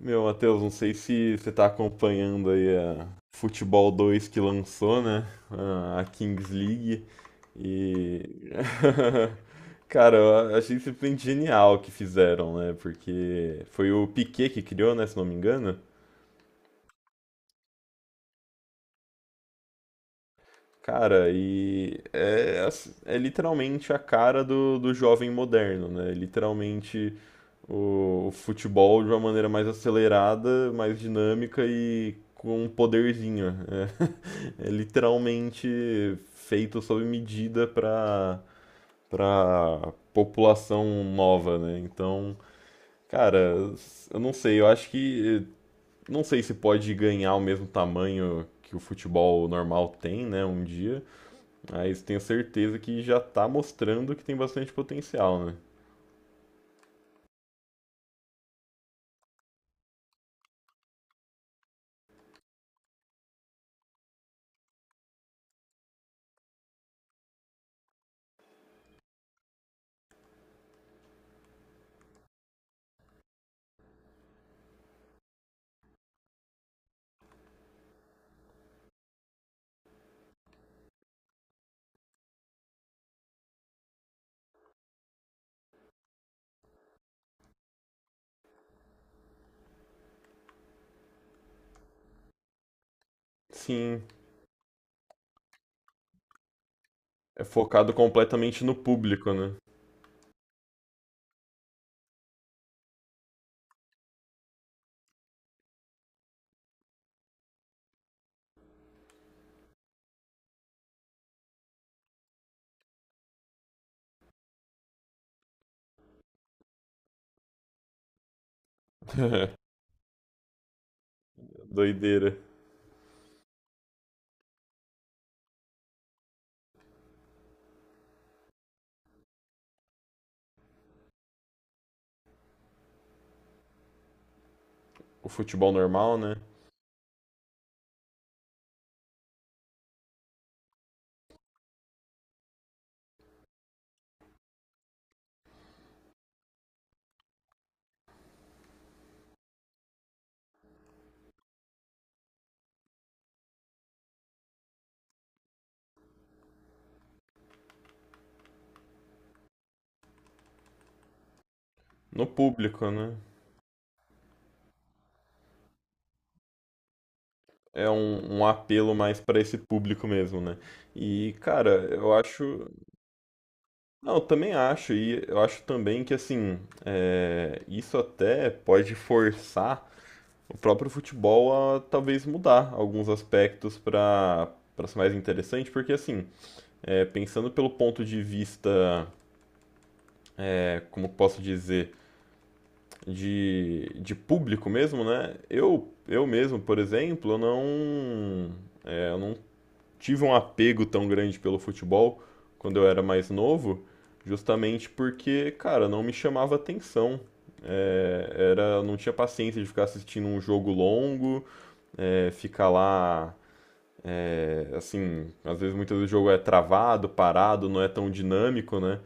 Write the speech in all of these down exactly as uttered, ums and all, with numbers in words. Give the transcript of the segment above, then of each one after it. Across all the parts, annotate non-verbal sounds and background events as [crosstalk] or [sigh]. Meu, Matheus, não sei se você tá acompanhando aí a Futebol dois que lançou, né? A a Kings League. E. [laughs] Cara, eu achei simplesmente genial o que fizeram, né? Porque foi o Piquet que criou, né? Se não me engano. Cara, e é, ass- é literalmente a cara do, do jovem moderno, né? Literalmente o, o futebol de uma maneira mais acelerada, mais dinâmica e com um poderzinho. É, [laughs] é literalmente feito sob medida para para população nova, né? Então, cara, eu não sei, eu acho que não sei se pode ganhar o mesmo tamanho que o futebol normal tem, né, um dia, mas tenho certeza que já tá mostrando que tem bastante potencial, né? Sim, é focado completamente no público, né? [laughs] Doideira. O futebol normal, né? No público, né? É um, um apelo mais pra esse público mesmo, né? E, cara, eu acho. Não, eu também acho, e eu acho também que, assim, é, isso até pode forçar o próprio futebol a talvez mudar alguns aspectos pra para ser mais interessante, porque, assim, é, pensando pelo ponto de vista, é, como posso dizer, de, de público mesmo, né? Eu, eu mesmo, por exemplo, eu não, é, eu não tive um apego tão grande pelo futebol quando eu era mais novo, justamente porque, cara, não me chamava atenção. É, era, eu não tinha paciência de ficar assistindo um jogo longo, é, ficar lá, é, assim, às vezes muitas vezes o jogo é travado, parado, não é tão dinâmico, né?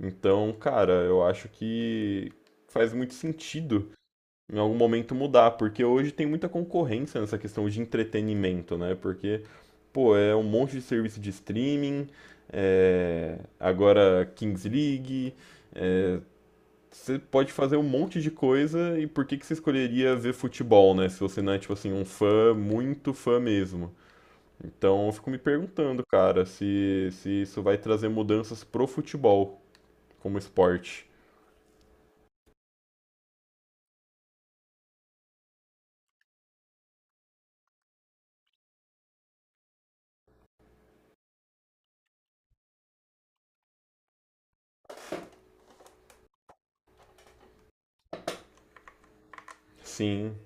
Então, cara, eu acho que faz muito sentido em algum momento mudar, porque hoje tem muita concorrência nessa questão de entretenimento, né? Porque, pô, é um monte de serviço de streaming, é, agora Kings League, você pode fazer um monte de coisa e por que que você escolheria ver futebol, né? Se você não é, tipo assim, um fã, muito fã mesmo. Então eu fico me perguntando, cara, se, se isso vai trazer mudanças pro futebol como esporte. Sim,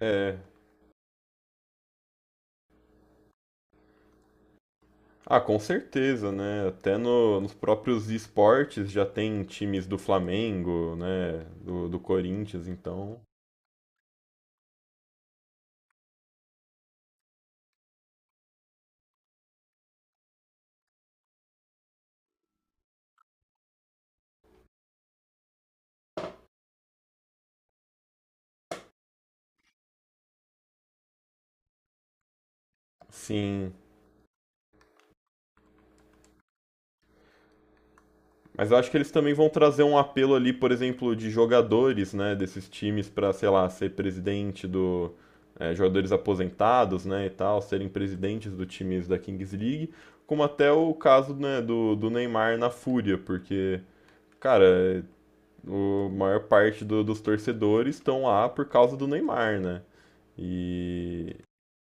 é. Ah, com certeza, né? Até no- nos próprios esportes já tem times do Flamengo, né? Do, do Corinthians, então. Sim. Mas eu acho que eles também vão trazer um apelo ali, por exemplo, de jogadores, né? Desses times para, sei lá, ser presidente do. É, jogadores aposentados, né? E tal, serem presidentes do times da Kings League. Como até o caso, né, do, do Neymar na Fúria, porque, cara, o maior parte do- dos torcedores estão lá por causa do Neymar, né? E,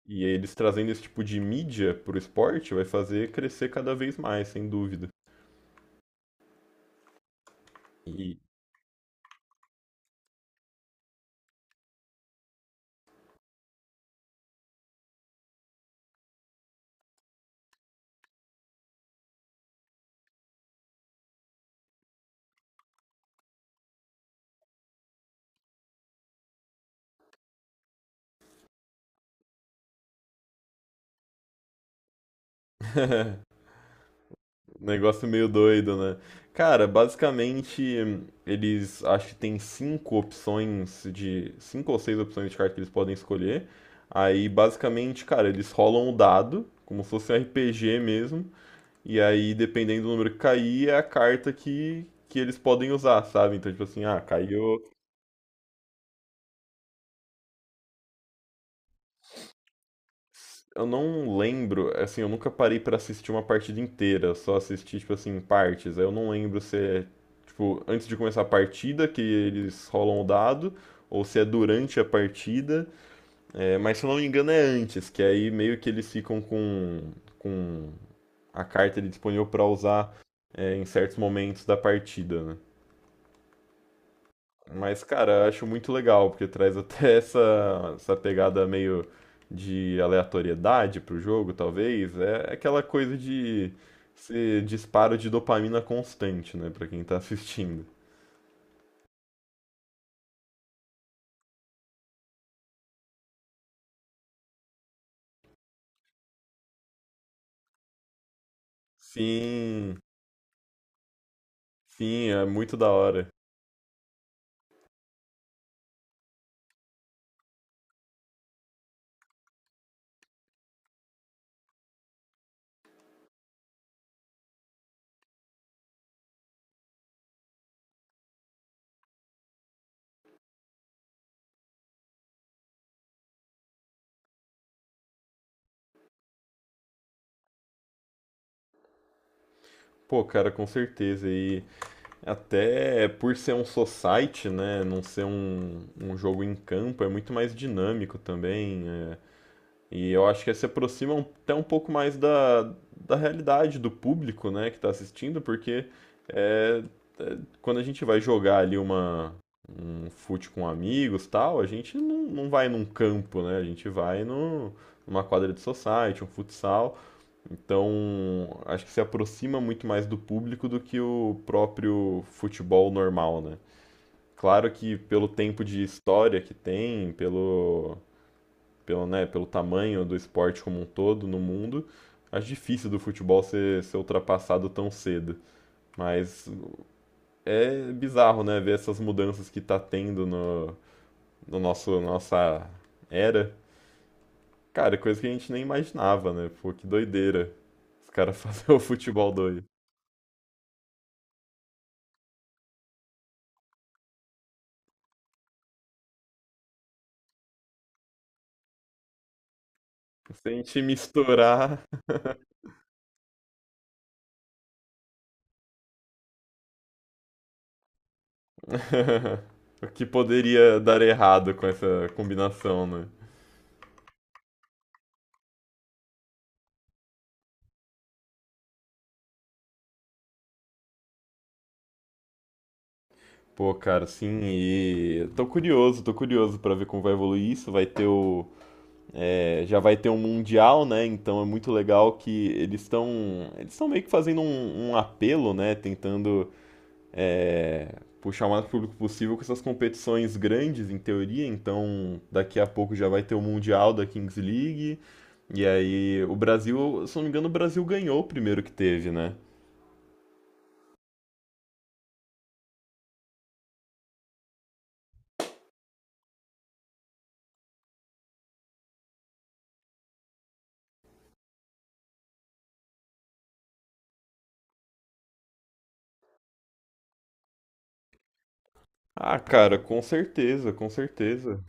e eles trazendo esse tipo de mídia pro esporte vai fazer crescer cada vez mais, sem dúvida. E. [laughs] Negócio meio doido, né? Cara, basicamente, eles acho que tem cinco opções de. Cinco ou seis opções de carta que eles podem escolher. Aí, basicamente, cara, eles rolam o dado, como se fosse um R P G mesmo. E aí, dependendo do número que cair, é a carta que, que eles podem usar, sabe? Então, tipo assim, ah, caiu. Eu não lembro, assim, eu nunca parei pra assistir uma partida inteira, só assisti, tipo assim, em partes. Aí eu não lembro se é, tipo, antes de começar a partida que eles rolam o dado, ou se é durante a partida. É, mas se eu não me engano é antes, que aí meio que eles ficam com, com a carta ali disponível pra usar, é, em certos momentos da partida, né? Mas, cara, eu acho muito legal, porque traz até [laughs] essa, essa pegada meio de aleatoriedade pro jogo, talvez. É é aquela coisa de ser disparo de dopamina constante, né, pra quem tá [laughs] assistindo. Sim, sim, é muito da hora. Pô, cara, com certeza. E até por ser um society, né, não ser um, um jogo em campo, é muito mais dinâmico também. é, E eu acho que se aproxima um- até um pouco mais da, da realidade do público, né, que está assistindo, porque é, é, quando a gente vai jogar ali uma, um fute com amigos tal, a gente não, não vai num campo, né, a gente vai no, numa quadra de society, um futsal. Então, acho que se aproxima muito mais do público do que o próprio futebol normal, né. Claro que pelo tempo de história que tem, pelo pelo, né, pelo tamanho do esporte como um todo no mundo, acho difícil do futebol ser, ser ultrapassado tão cedo. Mas é bizarro, né, ver essas mudanças que tá tendo no, no nosso nossa era. Cara, é coisa que a gente nem imaginava, né? Pô, que doideira. Os caras [laughs] fazer o futebol doido. Se a gente misturar [laughs] o que poderia dar errado com essa combinação, né? Pô, cara, sim, e tô curioso, tô curioso pra ver como vai evoluir isso. Vai ter o, é, já vai ter um mundial, né? Então é muito legal que eles estão eles estão meio que fazendo um, um apelo, né? Tentando é, puxar o mais público possível com essas competições grandes, em teoria. Então daqui a pouco já vai ter o mundial da Kings League. E aí o Brasil, se não me engano, o Brasil ganhou o primeiro que teve, né? Ah, cara, com certeza, com certeza.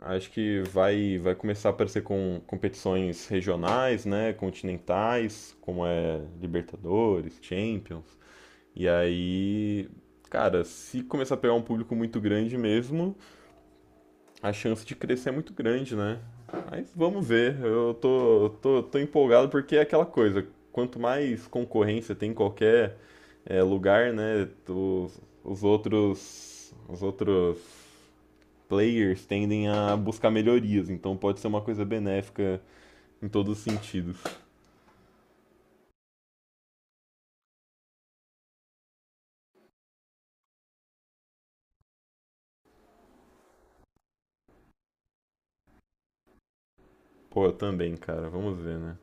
Acho que vai, vai começar a aparecer com competições regionais, né? Continentais, como é Libertadores, Champions. E aí, cara, se começar a pegar um público muito grande mesmo, a chance de crescer é muito grande, né? Mas vamos ver. Eu tô, eu tô, tô empolgado porque é aquela coisa. Quanto mais concorrência tem em qualquer eh, lugar, né? Os, os outros. Os outros players tendem a buscar melhorias, então pode ser uma coisa benéfica em todos os sentidos. Pô, eu também, cara, vamos ver, né?